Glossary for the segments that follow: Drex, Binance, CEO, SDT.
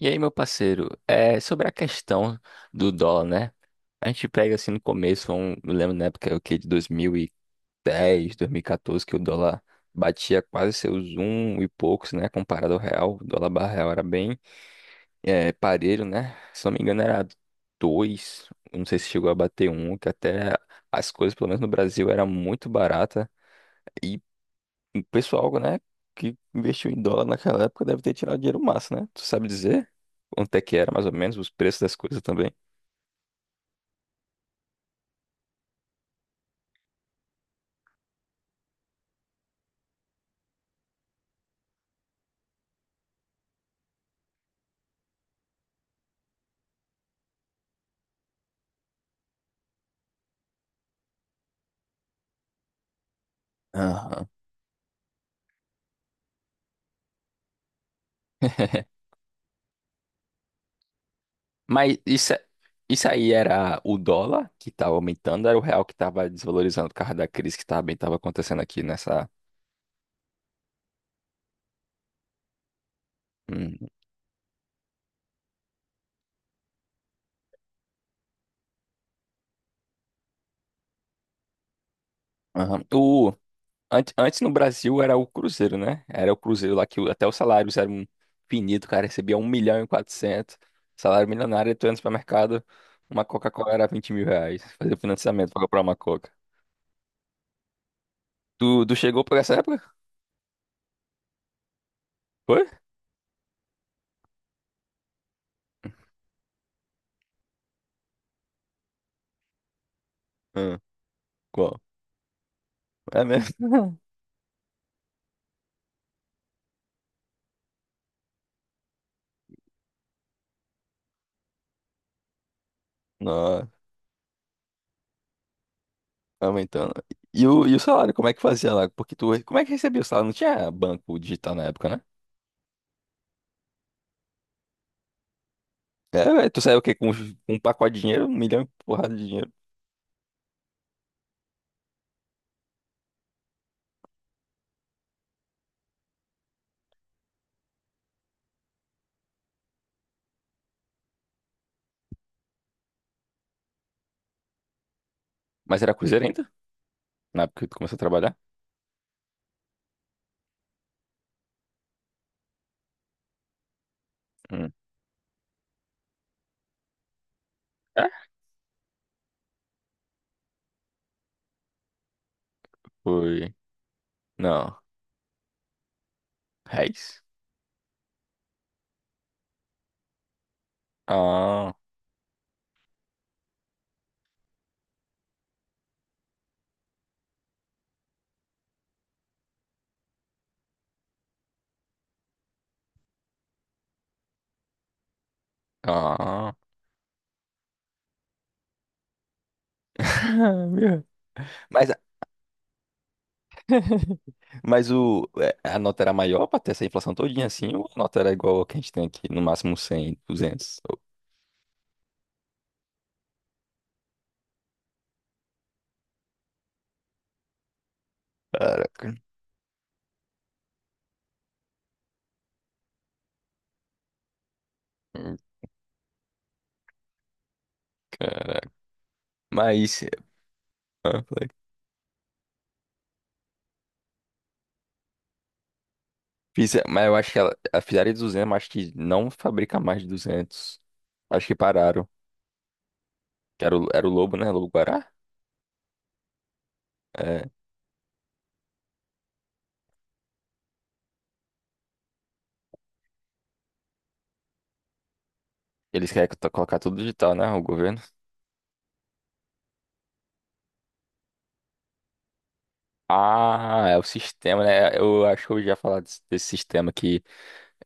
E aí, meu parceiro, é sobre a questão do dólar, né? A gente pega assim no começo, eu lembro na época o que, de dois mil e dez, dois mil e 2014, que o dólar batia quase seus um e poucos, né? Comparado ao real, o dólar barra real era bem parelho, né? Se não me engano, era dois, não sei se chegou a bater um, que até as coisas, pelo menos no Brasil, era muito barata. E o pessoal, né, que investiu em dólar naquela época deve ter tirado dinheiro massa, né? Tu sabe dizer quanto é que era, mais ou menos, os preços das coisas também? Aham. Mas isso, isso aí era o dólar que estava aumentando, era o real que estava desvalorizando por causa da crise que também estava acontecendo aqui nessa. Hum. Aham. Antes no Brasil era o Cruzeiro, né? Era o Cruzeiro lá que até os salários eram finitos, o cara recebia 1.400.000, salário milionário, tu ia no supermercado, uma Coca-Cola era R$ 20.000, fazer financiamento pra comprar uma Coca. Tu chegou por essa época? Foi? Hã, qual? É mesmo? Nossa, aumentando. E o salário, como é que fazia lá? Porque tu, como é que recebia o salário? Não tinha banco digital na época, né? É, velho, tu saiu o quê? Com um pacote de dinheiro, um milhão e porrada de dinheiro. Mas era Cruzeiro ainda? Na época que tu começou a trabalhar? Hum. É? Foi. Não. Reis? Ah, ah. Meu. Mas, mas a nota era maior pra ter essa inflação todinha assim, ou a nota era igual a que a gente tem aqui, no máximo 100, 200? Oh, caraca. Hum. Caraca. Mas, é, falei. Mas eu acho que ela, a fizeram de 200, mas acho que não fabrica mais de 200. Acho que pararam. Que era o Lobo, né? Lobo Guará? É, eles querem colocar tudo digital, né? O governo. Ah, é o sistema, né? Eu acho que eu já falar desse sistema que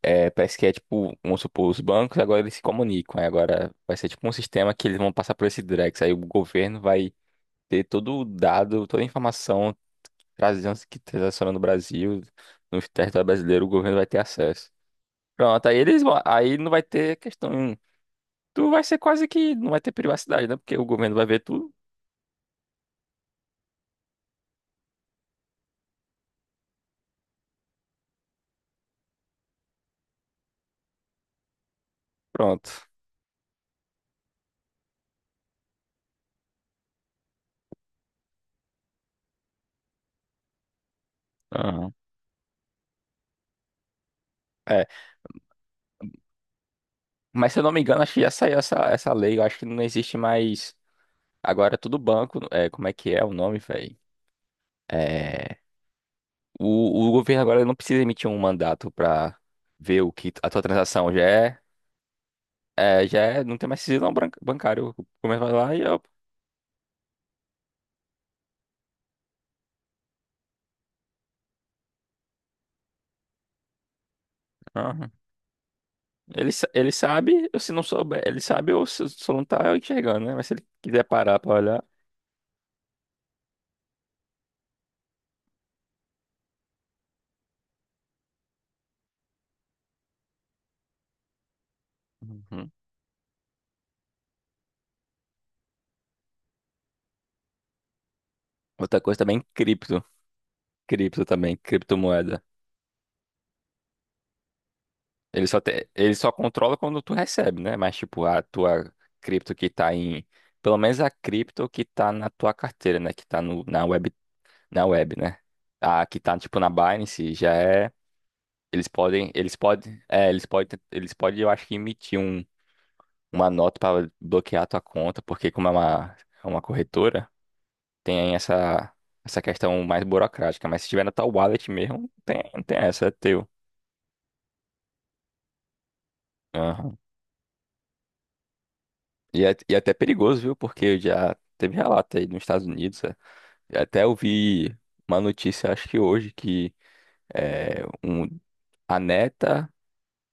é, parece que é tipo, vamos supor, os bancos agora eles se comunicam, aí agora vai ser tipo um sistema que eles vão passar por esse Drex, aí o governo vai ter todo o dado, toda a informação trazendo que transaciona no Brasil, no território brasileiro, o governo vai ter acesso. Pronto, aí não vai ter questão, tu vai ser quase que não vai ter privacidade, né? Porque o governo vai ver tudo, pronto. Aham. Mas se eu não me engano, acho que já saiu essa lei. Eu acho que não existe mais. Agora é tudo banco. É, como é que é o nome, velho? É, o governo agora não precisa emitir um mandato pra ver o que a tua transação já é. É, já é, não tem mais sigilo não, bancário. Começa lá e eu. Aham. Ele sabe, ou se não souber, ele sabe ou se só não tá enxergando, né? Mas se ele quiser parar pra olhar. Uhum. Outra coisa também, cripto. Cripto também, criptomoeda. Ele só controla quando tu recebe, né? Mas, tipo, a tua cripto que tá em. Pelo menos a cripto que tá na tua carteira, né? Que tá no, na web, né? A que tá, tipo, na Binance já é. Eles podem. Eles podem. É, eles podem. Eles podem, eu acho que emitir uma nota pra bloquear a tua conta, porque como é é uma corretora, tem essa questão mais burocrática. Mas se tiver na tua wallet mesmo, não tem, essa, é teu. E é até perigoso, viu? Porque já teve relato aí nos Estados Unidos. É. Eu até ouvi uma notícia, acho que hoje, é, um, a neta,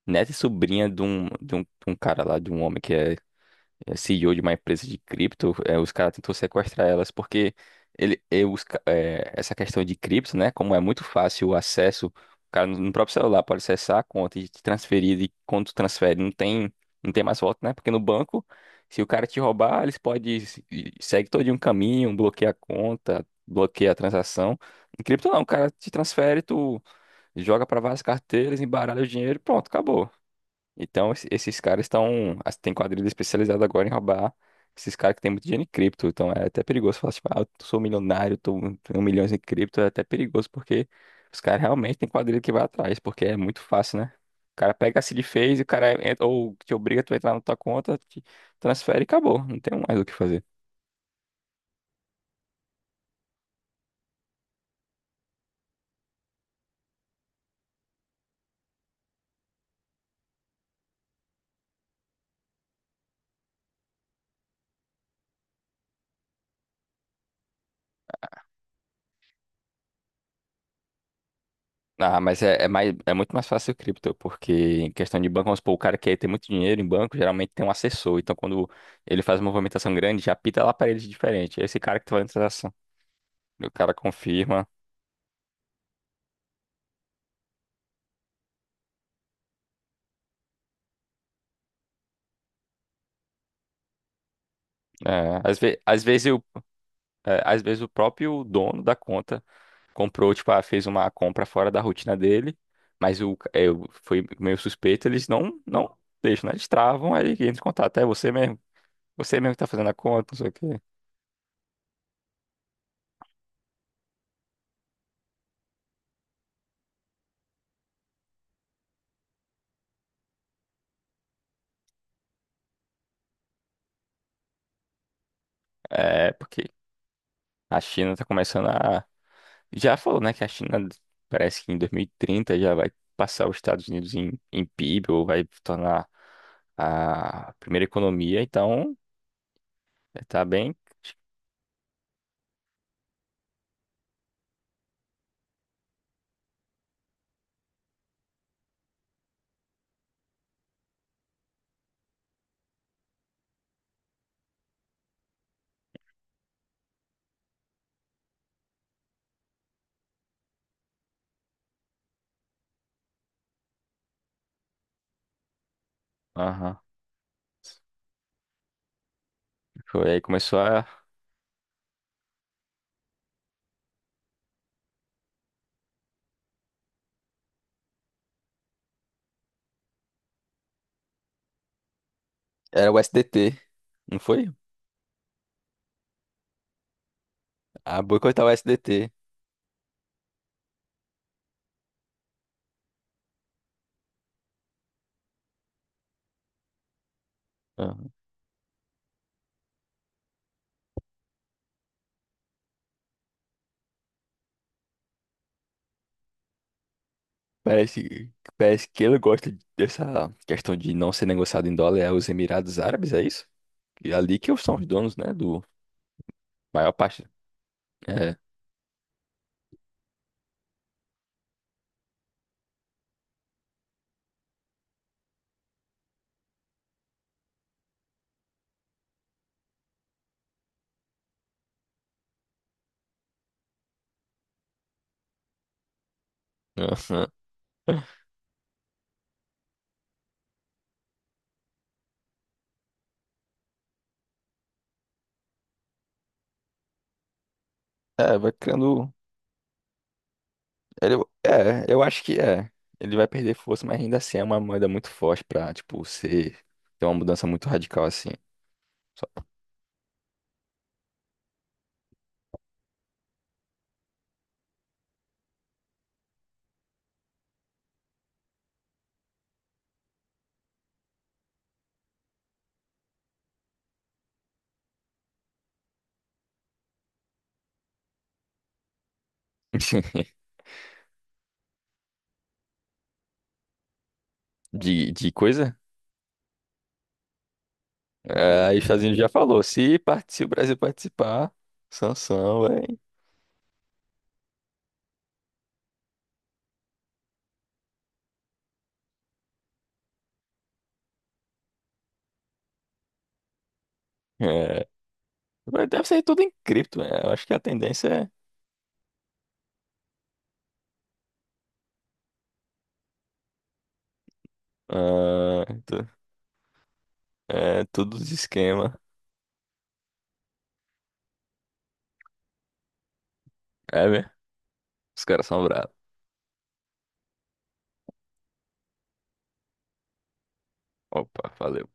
neta e sobrinha de um cara lá, de um homem que é CEO de uma empresa de cripto, os caras tentou sequestrar elas, porque ele, eh, os ca- eh, essa questão de cripto, né? Como é muito fácil o acesso, o cara no próprio celular pode acessar a conta e te transferir, e quando tu transfere, não tem mais volta, né? Porque no banco, se o cara te roubar, eles podem segue todo um caminho, bloqueia a conta, bloqueia a transação. Em cripto não, o cara te transfere, tu joga para várias carteiras, embaralha o dinheiro e pronto, acabou. Então, esses caras estão. Tem quadrilha especializada agora em roubar esses caras que tem muito dinheiro em cripto. Então, é até perigoso falar, tipo, ah, eu sou milionário, tô, tenho milhões em cripto. É até perigoso, porque os caras realmente têm quadrilha que vai atrás, porque é muito fácil, né? O cara pega a seed phase, o cara entra, ou te obriga a tu entrar na tua conta, te transfere e acabou. Não tem mais o que fazer. Ah, mas é mais, é muito mais fácil o cripto, porque em questão de banco, vamos supor, o cara que tem muito dinheiro em banco, geralmente tem um assessor. Então, quando ele faz uma movimentação grande, já pita lá para ele de diferente. É esse cara que tá fazendo a transação. E o cara confirma. É, às vezes às vezes o próprio dono da conta comprou, tipo, ah, fez uma compra fora da rotina dele, mas o, ca- é, o- foi meio suspeito, eles não deixam, né? Eles travam, aí entra em contato. É você mesmo. Você mesmo que tá fazendo a conta, não sei o quê. É, porque a China tá começando a. Já falou, né, que a China parece que em 2030 já vai passar os Estados Unidos em, PIB ou vai tornar a primeira economia, então tá bem. Aham. Foi aí começou a. Era o S D T. Não foi? A boicotar o S SDT. Aham. Parece que ele gosta dessa questão de não ser negociado em dólar é os Emirados Árabes, é isso? E ali que são os donos, né, do maior parte. É. Aham. É, vai criando. Ele, eu acho que é. Ele vai perder força, mas ainda assim é uma moeda muito forte pra, tipo, ser, ter uma mudança muito radical assim. Só- De coisa? É, aí os Estados Unidos já falou, se o Brasil participar, sanção, vai. É, deve ser tudo em cripto, né? Eu acho que a tendência é, ah, tu- é tudo de esquema. É mesmo? Os caras são bravos. Opa, valeu.